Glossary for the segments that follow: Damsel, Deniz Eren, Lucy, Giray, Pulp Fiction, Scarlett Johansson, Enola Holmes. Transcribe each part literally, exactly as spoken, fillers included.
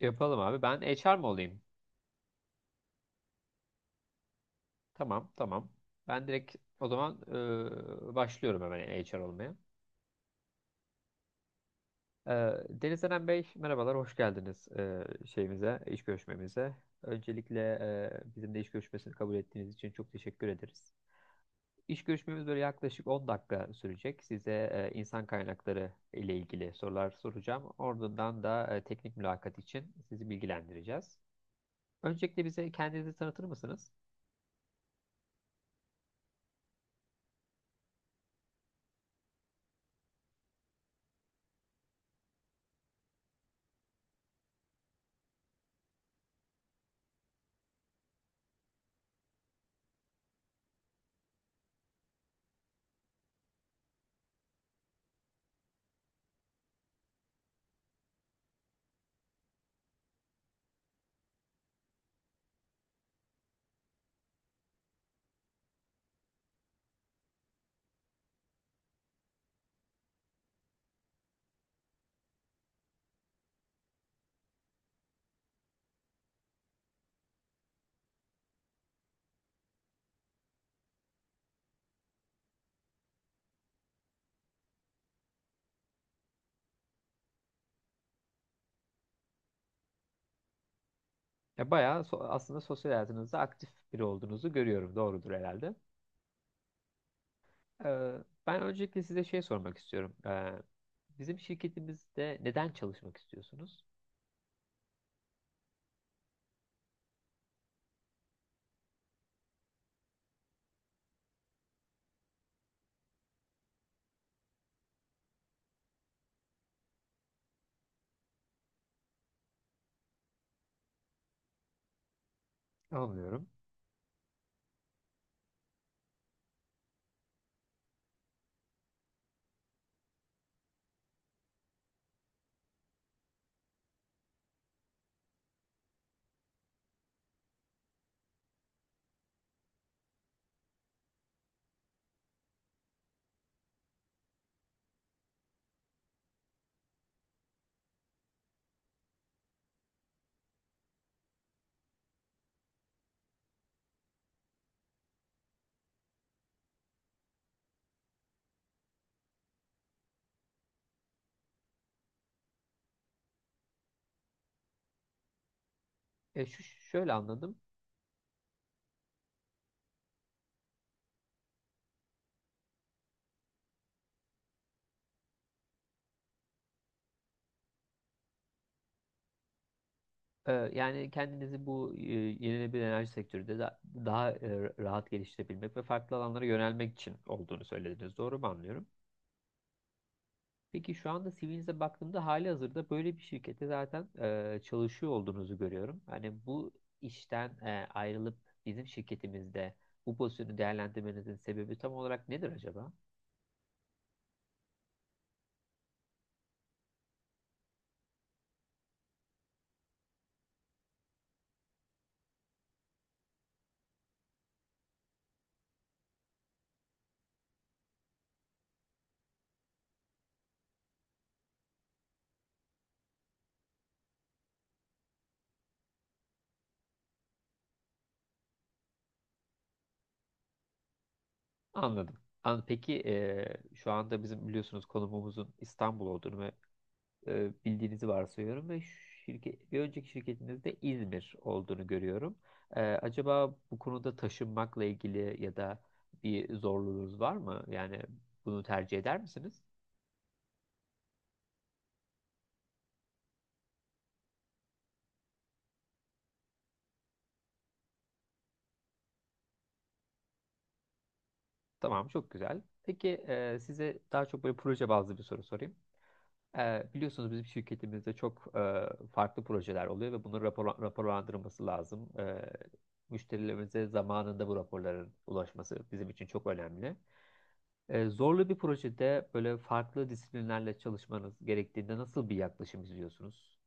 Yapalım abi. Ben H R mı olayım? Tamam, tamam. Ben direkt o zaman e, başlıyorum hemen H R olmaya. E, Deniz Eren Bey, merhabalar, hoş geldiniz, e, şeyimize, iş görüşmemize. Öncelikle e, bizimle iş görüşmesini kabul ettiğiniz için çok teşekkür ederiz. İş görüşmemiz böyle yaklaşık on dakika sürecek. Size e, insan kaynakları ile ilgili sorular soracağım. Ardından da e, teknik mülakat için sizi bilgilendireceğiz. Öncelikle bize kendinizi tanıtır mısınız? Ya bayağı so- aslında sosyal hayatınızda aktif biri olduğunuzu görüyorum. Doğrudur herhalde. Ee, ben öncelikle size şey sormak istiyorum. Ee, bizim şirketimizde neden çalışmak istiyorsunuz? Anlıyorum. E, şu şöyle anladım. Ee, yani kendinizi bu e, yenilenebilir enerji sektöründe da- daha e, rahat geliştirebilmek ve farklı alanlara yönelmek için olduğunu söylediniz. Doğru mu anlıyorum? Peki şu anda C V'nize baktığımda hali hazırda böyle bir şirkette zaten e, çalışıyor olduğunuzu görüyorum. Hani bu işten e, ayrılıp bizim şirketimizde bu pozisyonu değerlendirmenizin sebebi tam olarak nedir acaba? Anladım. An- Peki e, şu anda bizim biliyorsunuz konumumuzun İstanbul olduğunu ve e, bildiğinizi varsayıyorum ve şirket, bir önceki şirketinizde İzmir olduğunu görüyorum. E, acaba bu konuda taşınmakla ilgili ya da bir zorluğunuz var mı? Yani bunu tercih eder misiniz? Tamam, çok güzel. Peki e, size daha çok böyle proje bazlı bir soru sorayım. E, biliyorsunuz bizim şirketimizde çok e, farklı projeler oluyor ve bunun rapor, raporlandırılması lazım. E, müşterilerimize zamanında bu raporların ulaşması bizim için çok önemli. E, zorlu bir projede böyle farklı disiplinlerle çalışmanız gerektiğinde nasıl bir yaklaşım izliyorsunuz?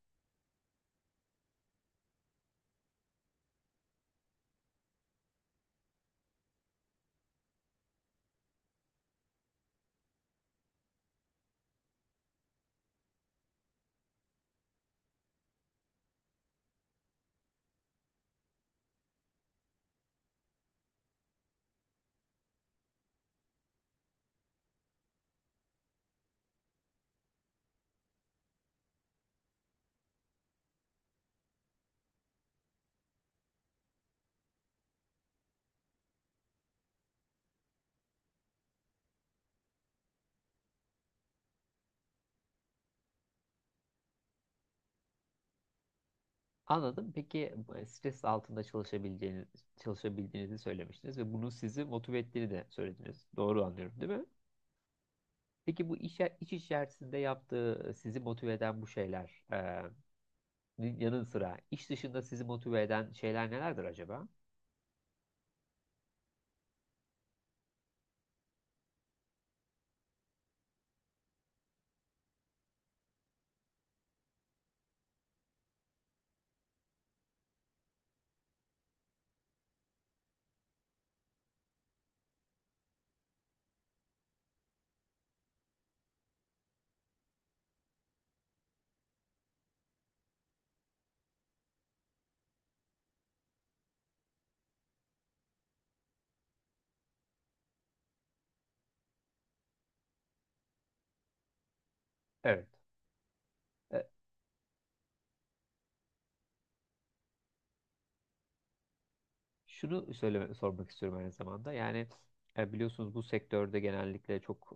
Anladım. Peki e, stres altında çalışabileceğiniz, çalışabildiğinizi söylemiştiniz ve bunun sizi motive ettiğini de söylediniz. Doğru anlıyorum, değil mi? Peki bu iş, iş içerisinde yaptığı sizi motive eden bu şeyler e, yanı sıra iş dışında sizi motive eden şeyler nelerdir acaba? Evet. E, şunu söyle, sormak istiyorum aynı zamanda. Yani e, biliyorsunuz bu sektörde genellikle çok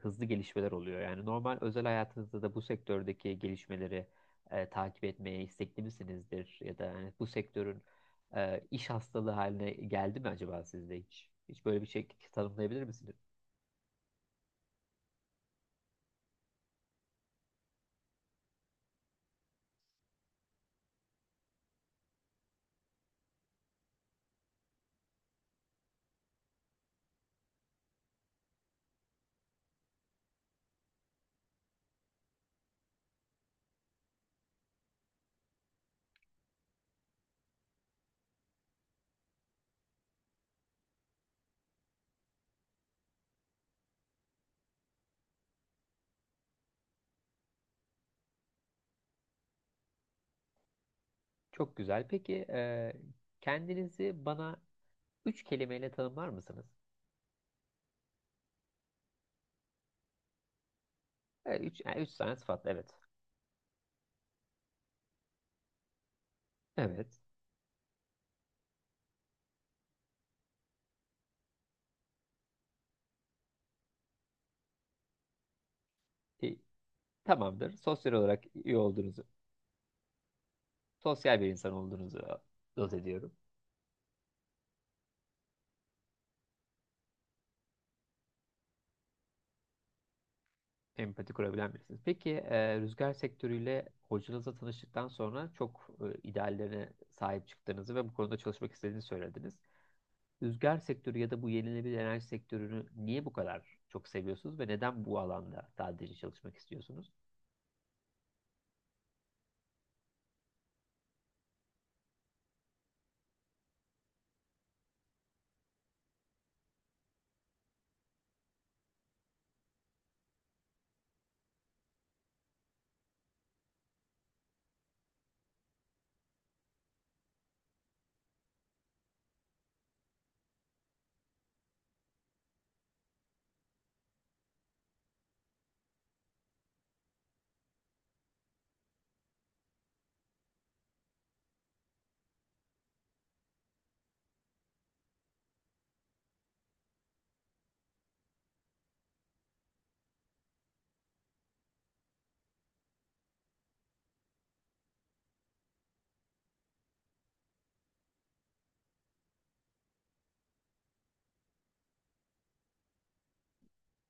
hızlı gelişmeler oluyor. Yani normal özel hayatınızda da bu sektördeki gelişmeleri e, takip etmeye istekli misinizdir? Ya da yani bu sektörün e, iş hastalığı haline geldi mi acaba sizde hiç? Hiç böyle bir şey tanımlayabilir misiniz? Çok güzel. Peki e, kendinizi bana üç kelimeyle tanımlar mısınız? E, üç, yani üç tane sıfat, evet. Evet. E, tamamdır. Sosyal olarak iyi olduğunuzu, sosyal bir insan olduğunuzu not ediyorum. Empati kurabilen birisiniz. Peki e, rüzgar sektörüyle hocanızla tanıştıktan sonra çok e, ideallerine sahip çıktığınızı ve bu konuda çalışmak istediğinizi söylediniz. Rüzgar sektörü ya da bu yenilenebilir enerji sektörünü niye bu kadar çok seviyorsunuz ve neden bu alanda sadece çalışmak istiyorsunuz?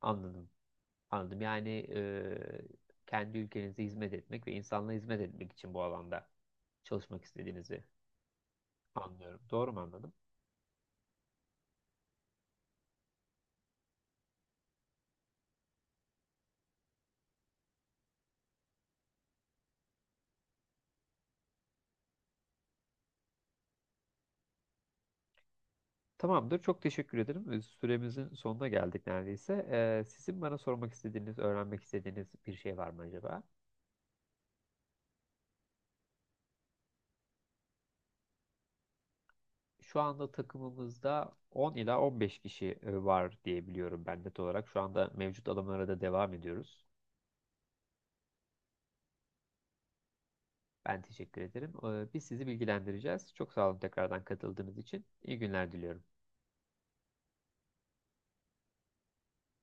Anladım. Anladım. Yani e, kendi ülkenize hizmet etmek ve insanlığa hizmet etmek için bu alanda çalışmak istediğinizi anlıyorum. Doğru mu anladım? Tamamdır. Çok teşekkür ederim. Ee, Süremizin sonuna geldik neredeyse. Ee, sizin bana sormak istediğiniz, öğrenmek istediğiniz bir şey var mı acaba? Şu anda takımımızda on ila on beş kişi e, var diye biliyorum ben net olarak. Şu anda mevcut alımlara da devam ediyoruz. Ben teşekkür ederim. Ee, biz sizi bilgilendireceğiz. Çok sağ olun tekrardan katıldığınız için. İyi günler diliyorum.